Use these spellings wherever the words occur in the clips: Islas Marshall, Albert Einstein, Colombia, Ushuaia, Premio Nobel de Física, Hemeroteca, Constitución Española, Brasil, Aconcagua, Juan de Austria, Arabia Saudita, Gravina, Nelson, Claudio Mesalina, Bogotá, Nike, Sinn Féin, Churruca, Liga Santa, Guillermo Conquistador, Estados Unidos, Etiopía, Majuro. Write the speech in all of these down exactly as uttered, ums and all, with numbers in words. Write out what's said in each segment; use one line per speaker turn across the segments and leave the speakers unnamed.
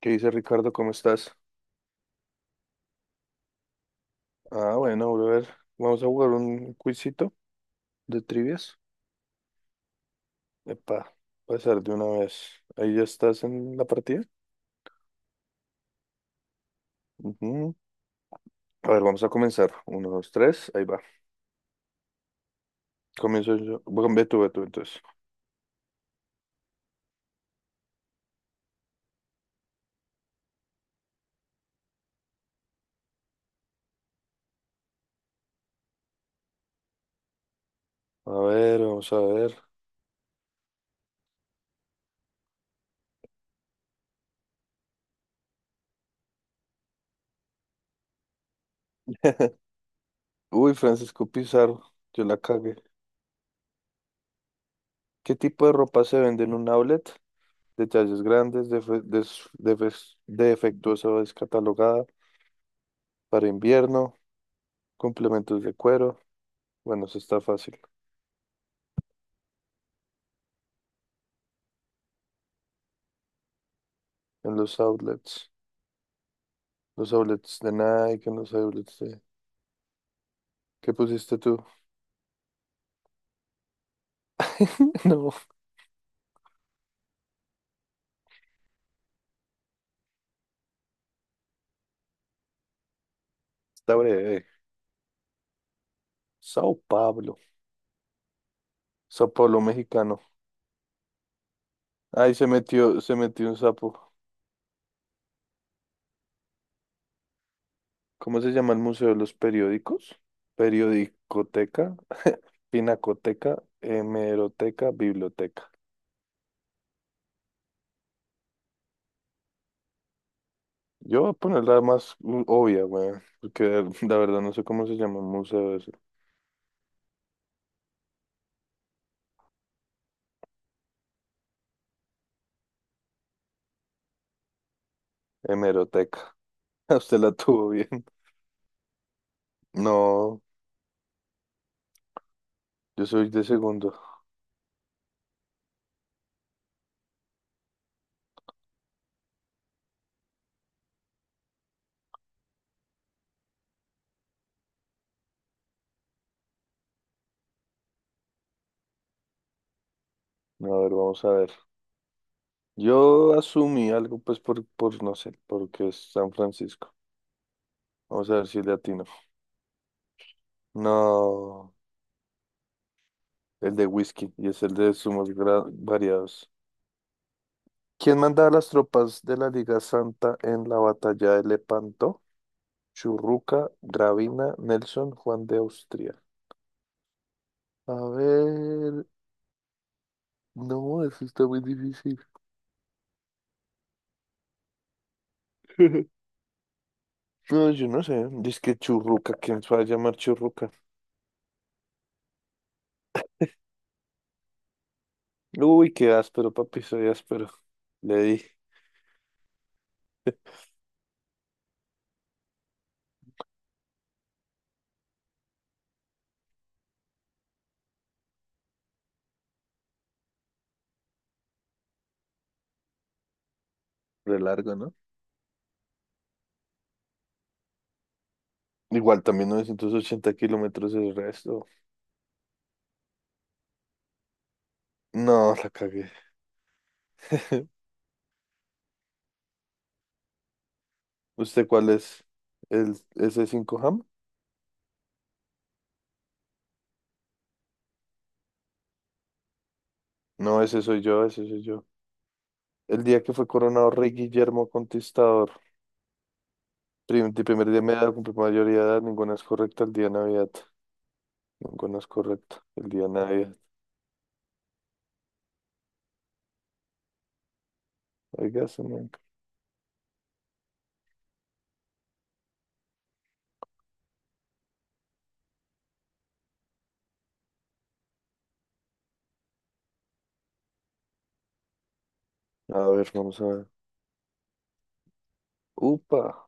¿Qué dice Ricardo? ¿Cómo estás? Ah, bueno, brother. Vamos a jugar un quizito de trivias. Epa, pasar de una vez. Ahí ya estás en la partida. Ujú. A ver, vamos a comenzar. Uno, dos, tres. Ahí va. Comienzo yo. Bueno, ve tú, ve tú, entonces. A ver, vamos a ver. Uy, Francisco Pizarro. Yo la cagué. ¿Qué tipo de ropa se vende en un outlet? De tallas grandes, defe- des- defes- defectuosa o descatalogada para invierno, complementos de cuero. Bueno, eso está fácil. En los outlets, los outlets de Nike, en los outlets de... ¿Qué pusiste tú? No, está breve. Sao Pablo, Sao Pablo mexicano. Ahí se metió, se metió un sapo. ¿Cómo se llama el Museo de los Periódicos? Periodicoteca, Pinacoteca, Hemeroteca, Biblioteca. Yo voy a poner la más u- obvia, weón, porque la verdad no sé cómo se llama el museo ese. Hemeroteca. Usted la tuvo bien. No, yo soy de segundo. A ver, vamos a ver. Yo asumí algo, pues, por, por no sé, porque es San Francisco. Vamos a ver si le atino. No, el de whisky y es el de zumos gra- variados. ¿Quién mandaba las tropas de la Liga Santa en la batalla de Lepanto? Churruca, Gravina, Nelson, Juan de Austria. A ver, no, eso está muy difícil. No, yo no sé. Dice que Churruca, ¿quién se va a llamar Churruca? Uy, qué áspero, papi, soy áspero. Le di. Re largo, ¿no? Igual también novecientos ochenta kilómetros el resto. No, la cagué. ¿Usted cuál es? ¿El ese cinco Ham? No, ese soy yo, ese soy yo. El día que fue coronado rey Guillermo Conquistador. Prim- de primer día de mi edad, cumplí mayoría de edad, ninguna es correcta el día de Navidad. Ninguna es correcta el día de Navidad. Oiga, se me- a ver, vamos a ver. Upa,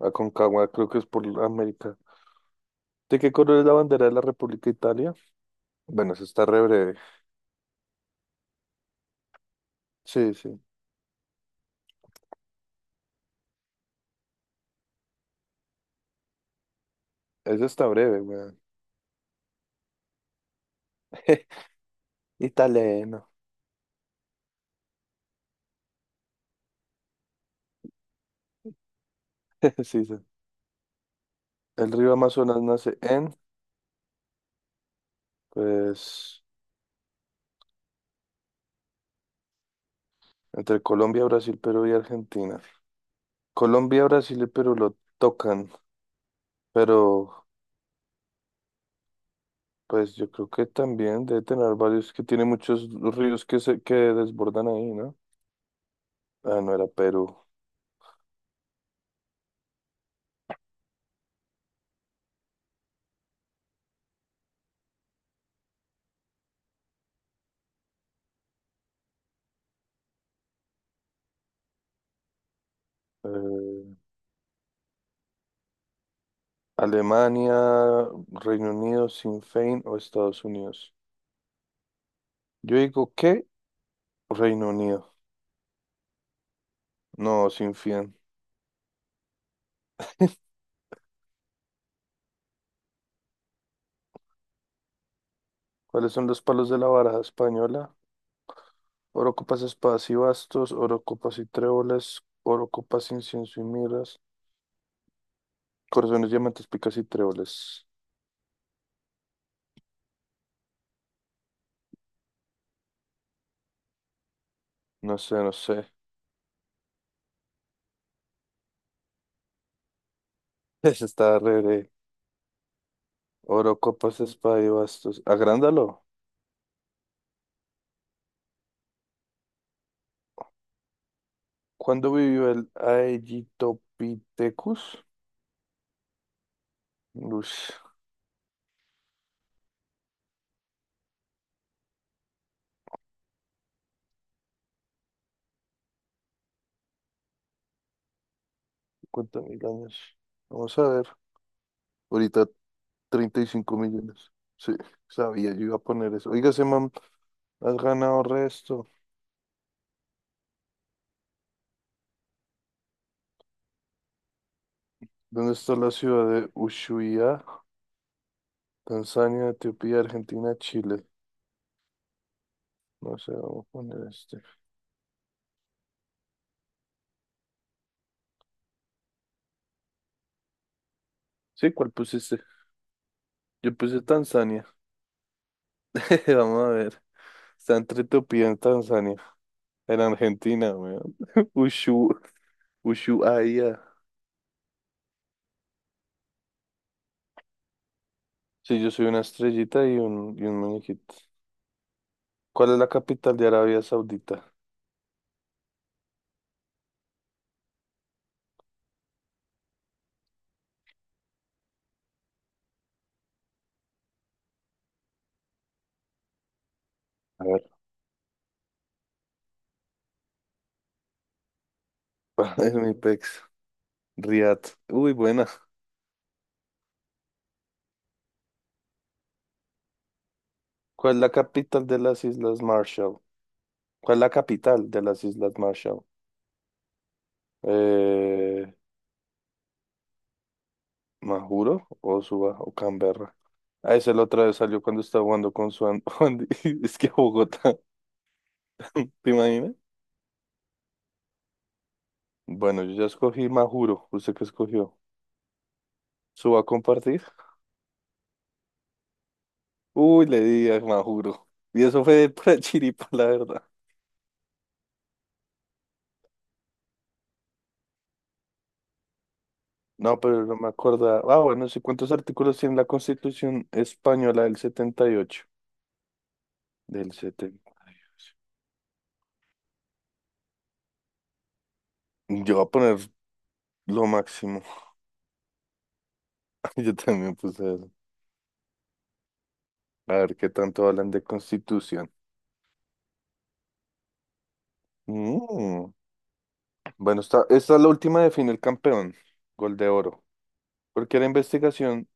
Aconcagua, creo que es por América. ¿De qué color es la bandera de la República de Italia? Bueno, eso está re breve. Sí, sí. Eso está breve, weón. Italiano. Sí, sí. El río Amazonas nace en, pues, entre Colombia, Brasil, Perú y Argentina. Colombia, Brasil y Perú lo tocan, pero pues yo creo que también debe tener varios, que tiene muchos ríos que se que desbordan ahí, ¿no? Ah, no era Perú. Eh, Alemania, Reino Unido, Sinn Féin o Estados Unidos. Yo digo que Reino Unido, no, Sinn Féin. ¿Cuáles son los palos de la baraja española? Oro ocupas espadas y bastos, oro ocupas y tréboles, oro ocupas incienso y miras, corazones, diamantes, picas y tréboles. No sé, no sé. Ese está re, re. Oro, copas, espada y bastos. Agrándalo. ¿Cuándo vivió el Aegyptopithecus? Uy, cincuenta mil años. Vamos a ver. Ahorita treinta y cinco millones. Sí, sabía, yo iba a poner eso. Oiga, ese man, has ganado resto. ¿Dónde está la ciudad de Ushuaia? Tanzania, Etiopía, Argentina, Chile. No sé, vamos a poner este. Sí, ¿cuál pusiste? Yo puse Tanzania. Vamos a ver. Está entre Etiopía y Tanzania. En Argentina, weón. Ushu, Ushuaia. Sí, yo soy una estrellita y un, y un muñequito. ¿Cuál es la capital de Arabia Saudita? A ver. Es mi pex. Riad. Uy, buena. ¿Cuál es la capital de las Islas Marshall? ¿Cuál es la capital de las Islas Marshall? Eh, Majuro o Suba o Canberra. A esa la otra vez salió cuando estaba jugando con su An- Andy. Es que Bogotá, ¿te imaginas? Bueno, yo ya escogí Majuro. ¿Usted qué escogió? ¿Su va a compartir? Uy, le di a Majuro. Y eso fue para chiripa, la verdad. No, pero no me acuerdo. Ah, bueno, sí, ¿cuántos artículos tiene la Constitución Española del setenta y ocho? Del setenta. Yo voy a poner lo máximo. Yo también puse eso. A ver qué tanto hablan de Constitución. Mm. Bueno, esta, esta es la última de fin el campeón, Gol de Oro, porque la investigación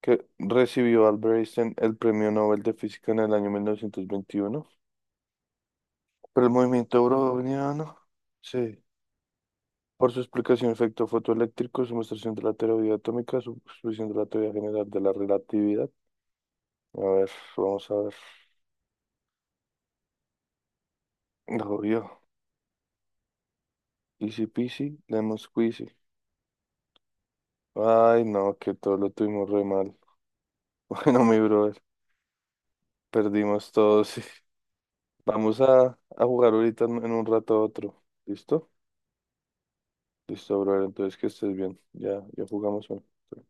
que recibió Albert Einstein el Premio Nobel de Física en el año mil novecientos veintiuno por el movimiento browniano, sí, por su explicación de efecto fotoeléctrico, su demostración de la teoría atómica, su exposición de la teoría general de la relatividad. A ver, vamos a ver. Lo vio. Easy peasy, lemon squeezy. Ay, no, que todo lo tuvimos re mal. Bueno, mi brother, perdimos todo, sí. Vamos a, a jugar ahorita en, en un rato a otro. ¿Listo? Listo, brother. Entonces que estés bien. Ya, ya jugamos. ¿No?